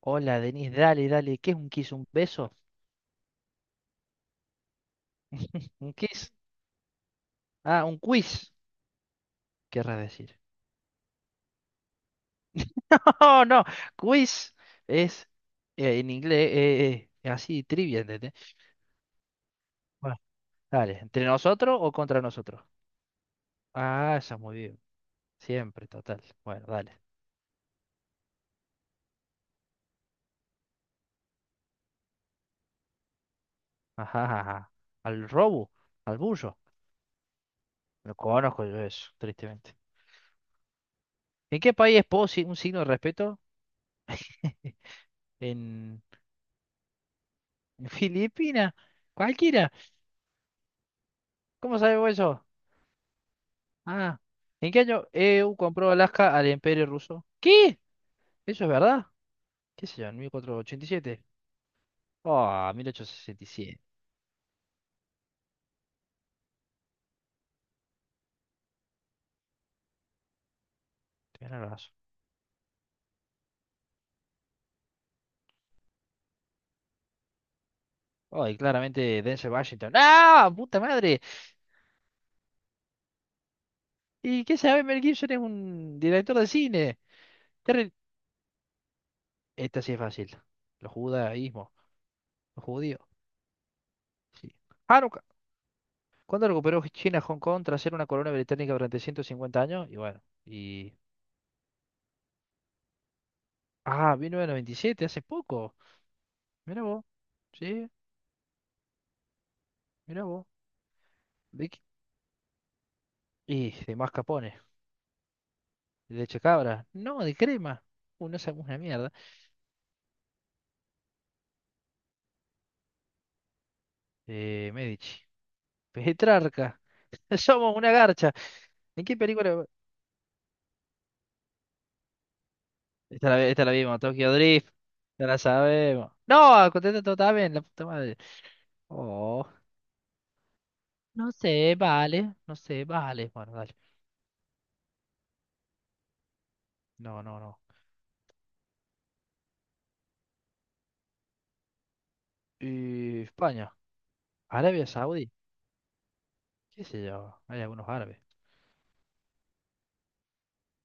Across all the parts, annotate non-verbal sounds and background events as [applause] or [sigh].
Hola, Denis, dale, dale. ¿Qué es un kiss? ¿Un beso? ¿Un kiss? Ah, un quiz, querrás decir. [laughs] ¡Oh, no! Quiz es en inglés así, trivia, ¿entendés? Bueno, dale. ¿Entre nosotros o contra nosotros? Ah, eso es muy bien. Siempre, total. Bueno, dale. Ajá, ajá, ajá. Al robo, al bullo. No conozco yo eso, tristemente. ¿En qué país es posi un signo de respeto? [laughs] ¿En Filipinas? ¿Cualquiera? ¿Cómo sabemos eso? Ah, ¿en qué año EU compró Alaska al Imperio Ruso? ¿Qué? ¿Eso es verdad? ¿Qué sé yo? ¿En 1487? Oh, 1867. Tenés razón. Oh, y claramente Denzel Washington. ¡Ah! ¡Puta madre! ¿Y qué sabe? Mel Gibson es un director de cine. Terry- Esta sí es fácil. Los judaísmos. Los judíos. Sí. Hanukkah. ¿Cuándo recuperó China Hong Kong tras ser una colonia británica durante 150 años? Y bueno. Ah, 1997, hace poco. Mira vos. Sí, mira vos. ¿De Y de mascarpone, de leche cabra, no, de crema, no sabemos una mierda. Medici, Petrarca, [laughs] somos una garcha. ¿En qué película? Esta la vimos, Tokyo Drift, ya la sabemos. No, contesta todo está bien, la puta madre. Oh, no sé, vale, no sé, vale. Bueno, dale. No, no, no. Y España, Arabia Saudí, qué sé yo, hay algunos árabes.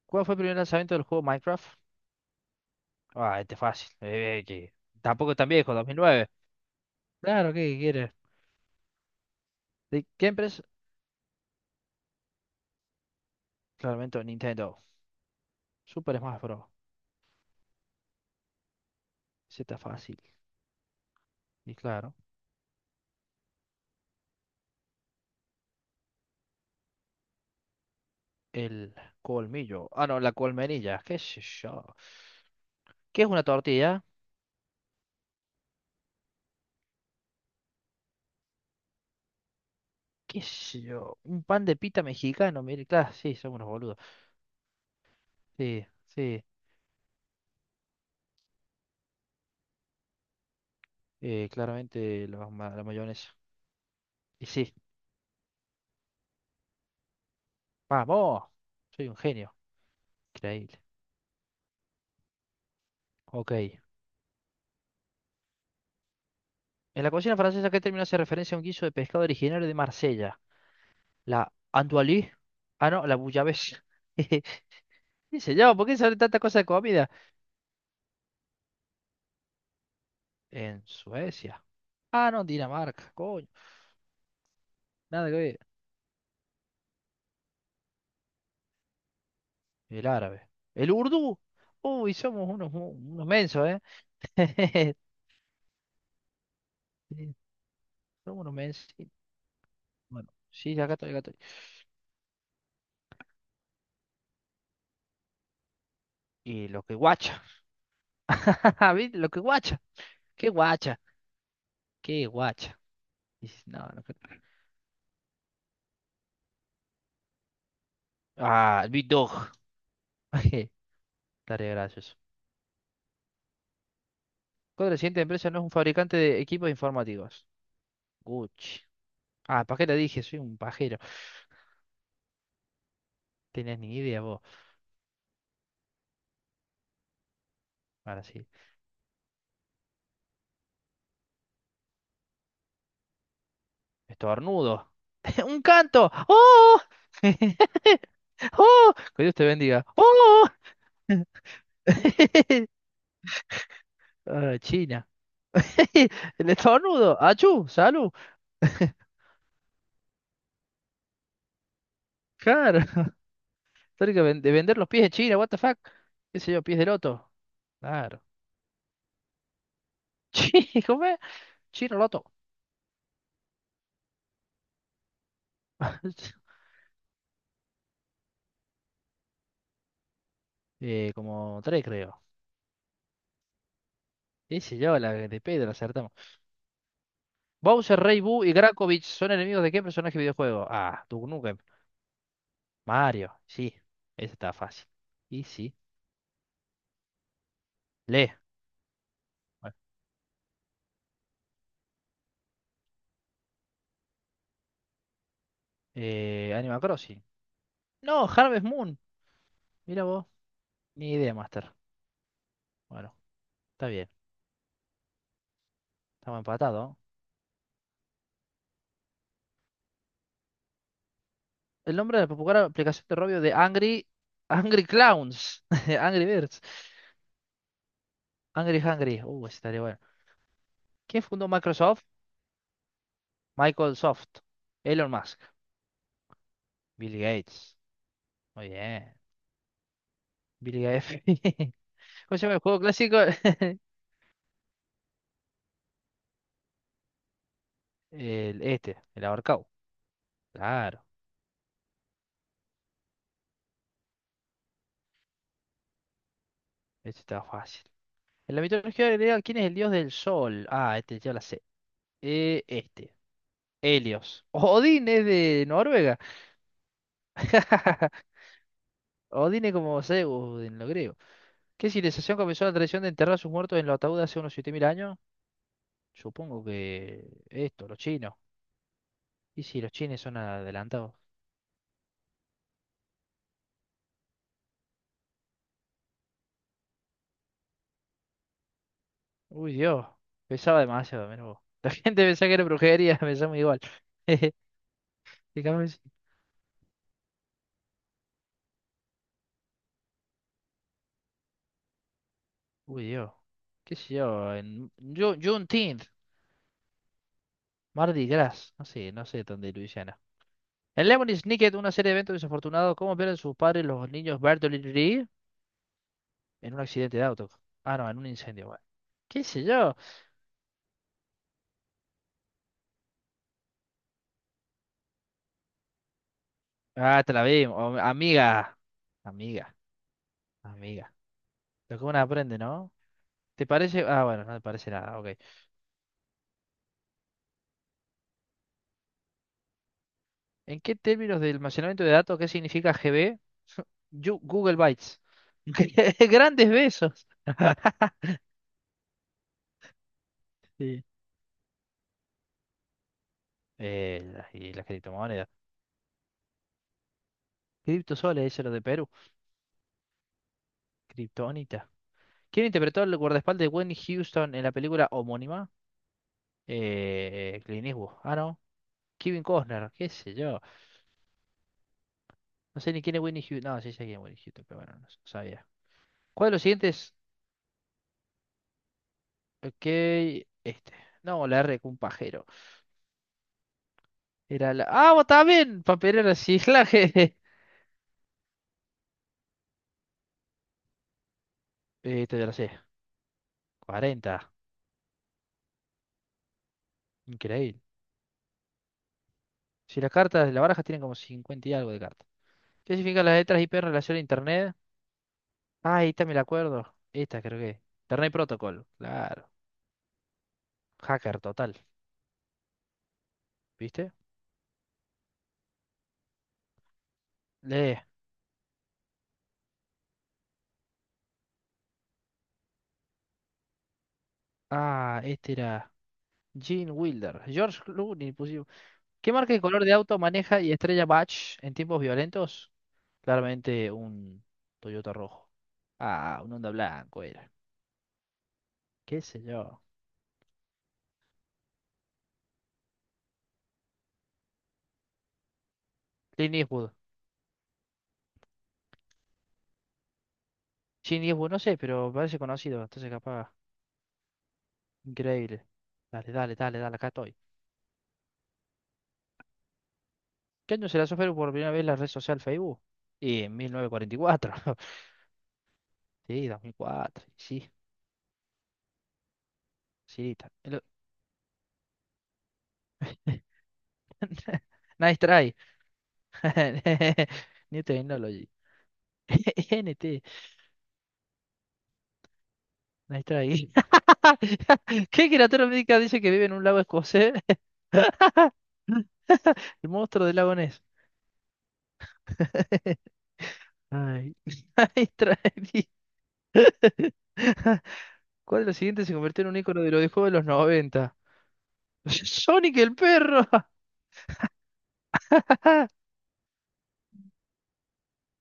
¿Cuál fue el primer lanzamiento del juego Minecraft? Ah, este es fácil, que tampoco es tan viejo, 2009. Claro, ¿qué quieres? ¿De qué empresa? Claramente Nintendo. Super Smash Bros. Sí, está fácil. Y claro, el colmillo. Ah, no, la colmenilla. ¿Qué sé yo? ¿Qué es una tortilla? ¿Qué sé yo? Un pan de pita mexicano. Mire, claro, sí, somos unos boludos. Sí, sí. Claramente la mayonesa. Y sí. ¡Vamos! Soy un genio. Increíble. Ok. En la cocina francesa, ¿qué término hace referencia a un guiso de pescado originario de Marsella? La andoualie. Ah, no, la bouillabaisse. [laughs] Qué sé yo, ¿por qué sale tanta cosa de comida? En Suecia. Ah, no, Dinamarca, coño. Nada que ver. El árabe. El urdú. Uy, somos unos mensos, ¿eh? [laughs] Sí, somos unos mensos. Sí. Bueno, sí, acá estoy, acá estoy. Y lo que guacha. [laughs] ¿Viste? Lo que guacha. ¿Qué guacha? ¿Qué guacha? Dices, no, no creo. Ah, el Big Dog. [laughs] Estaría gracioso. ¿Cuál de la siguiente empresa no es un fabricante de equipos informáticos? Gucci. Ah, ¿para qué le dije? Soy un pajero. Tenías ni idea vos. Ahora sí. Estornudo. [laughs] Un canto. ¡Oh! [laughs] ¡Oh! Que Dios te bendiga. ¡Oh! [laughs] Ah, China. [laughs] El estornudo. ¡Achú! ¡Salud! Claro. [laughs] Tengo que de vender los pies de China. What the fuck? ¿Qué sé yo? Pies de loto. Claro. [laughs] ¿Cómo es? Chino loto. [laughs] Como tres, creo. ¿Qué sé yo? La de Pedro acertamos. Bowser, Rey Boo y Grakovich son enemigos ¿de qué personaje videojuego? Ah, tú nunca Mario, sí, esa está fácil. Y sí, lee. Bueno, Animal Crossing. No, Harvest Moon. Mira vos, ni idea, Master. Bueno, está bien, estamos empatados. El nombre de la popular aplicación de robio de Angry, Angry Clowns, [laughs] Angry Birds, Angry Hungry. Ese estaría bueno. ¿Quién fundó Microsoft? Michael Soft, Elon Musk, Bill Gates. Muy bien, Bill Gates. [laughs] ¿Cómo se llama el juego clásico? [laughs] El ahorcado. Claro, ese está fácil. En la mitología griega, ¿quién es el dios del sol? Ah, este ya la sé. Este. Helios. [laughs] Odín es de Noruega. [laughs] Odín es como Zeus en lo griego. ¿Qué civilización comenzó la tradición de enterrar a sus muertos en los ataúdes hace unos 7.000 años? Supongo que esto, los chinos. Y si los chinos son adelantados. Uy, Dios. Pesaba demasiado, menos, vos. [laughs] La gente pensaba que era brujería, [laughs] pensaba igual. [laughs] Fíjame. Uy, Dios. ¿Qué sé yo? En Juneteenth. Mardi Gras, no sé, no sé dónde de Luisiana. En Lemony Snicket, una serie de eventos desafortunados, ¿cómo pierden sus padres los niños Bertolini en un accidente de auto? Ah, no, en un incendio, bueno. ¿Qué sé yo? Ah, te la vi, amiga. Amiga, amiga. Lo que uno aprende, ¿no? ¿Te parece? Ah, bueno, no te parece nada, ok. ¿En qué términos de almacenamiento de datos, qué significa GB? [laughs] Google Bytes. [laughs] Grandes besos. [laughs] Sí. Y las criptomonedas. Criptosoles, eso es lo de Perú. Kryptonita. ¿Quién interpretó el guardaespaldas de Whitney Houston en la película homónima? Clint Eastwood. Ah, no. Kevin Costner, qué sé yo. No sé ni quién es Whitney Houston. No, sí sé quién es Whitney Houston, pero bueno, no sabía. ¿Cuál de los siguientes? Ok, este. No, la R con un pajero. Era la. ¡Ah, vos también! Papelera de reciclaje. [laughs] Este ya lo sé. 40. Increíble. Si las cartas de la baraja tienen como 50 y algo de cartas. ¿Qué significan las letras IP en relación a Internet? Ah, esta me la acuerdo. Esta creo que. Internet Protocol. Claro. Hacker total. ¿Viste? Lee. Ah, este era. Gene Wilder. George Clooney pusimos. ¿Qué marca de color de auto maneja y estrella Batch en tiempos violentos? Claramente un Toyota rojo. Ah, un Honda blanco era. ¿Qué sé yo? Clint Eastwood. Clint Eastwood, no sé, pero parece conocido. Entonces capaz. Increíble. Dale, dale, dale, dale. Acá estoy. ¿Qué año se lanzó Facebook por primera vez la red social Facebook? Y en 1944. Sí, 2004, sí, sí. [laughs] Nice try. [laughs] New Technology. [laughs] NT, nice try. [laughs] ¿Qué criatura médica dice que vive en un lago escocés? [laughs] El monstruo del lago Ness. [laughs] Ay, [laughs] nice try. [laughs] ¿Cuál de los siguientes se convirtió en un ícono de los videojuegos de los noventa? [laughs] Sonic el perro. [laughs]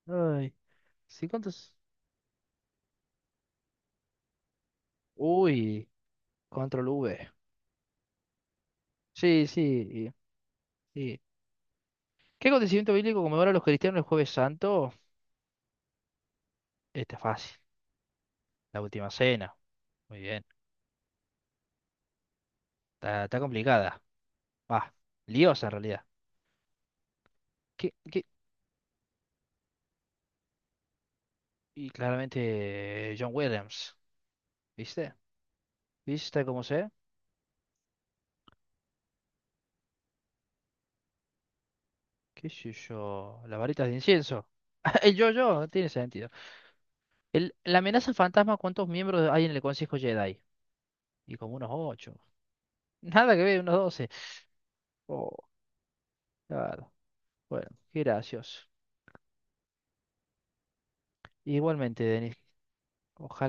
Ay, sí, ¿cuántos? Uy, control V. Sí, sí, sí. ¿Qué acontecimiento bíblico conmemora a los cristianos el Jueves Santo? Está fácil. La última cena. Muy bien. Está complicada. Va. Liosa en realidad. ¿Qué? Y claramente John Williams. ¿Viste? ¿Viste cómo sé? ¿Qué sé yo? Las varitas de incienso. [laughs] El yo-yo. No tiene sentido. La amenaza al fantasma. ¿Cuántos miembros hay en el Consejo Jedi? Y como unos ocho. [laughs] Nada que ver, unos doce. Oh, claro. Bueno, qué gracioso. Igualmente, Denis. Ojalá que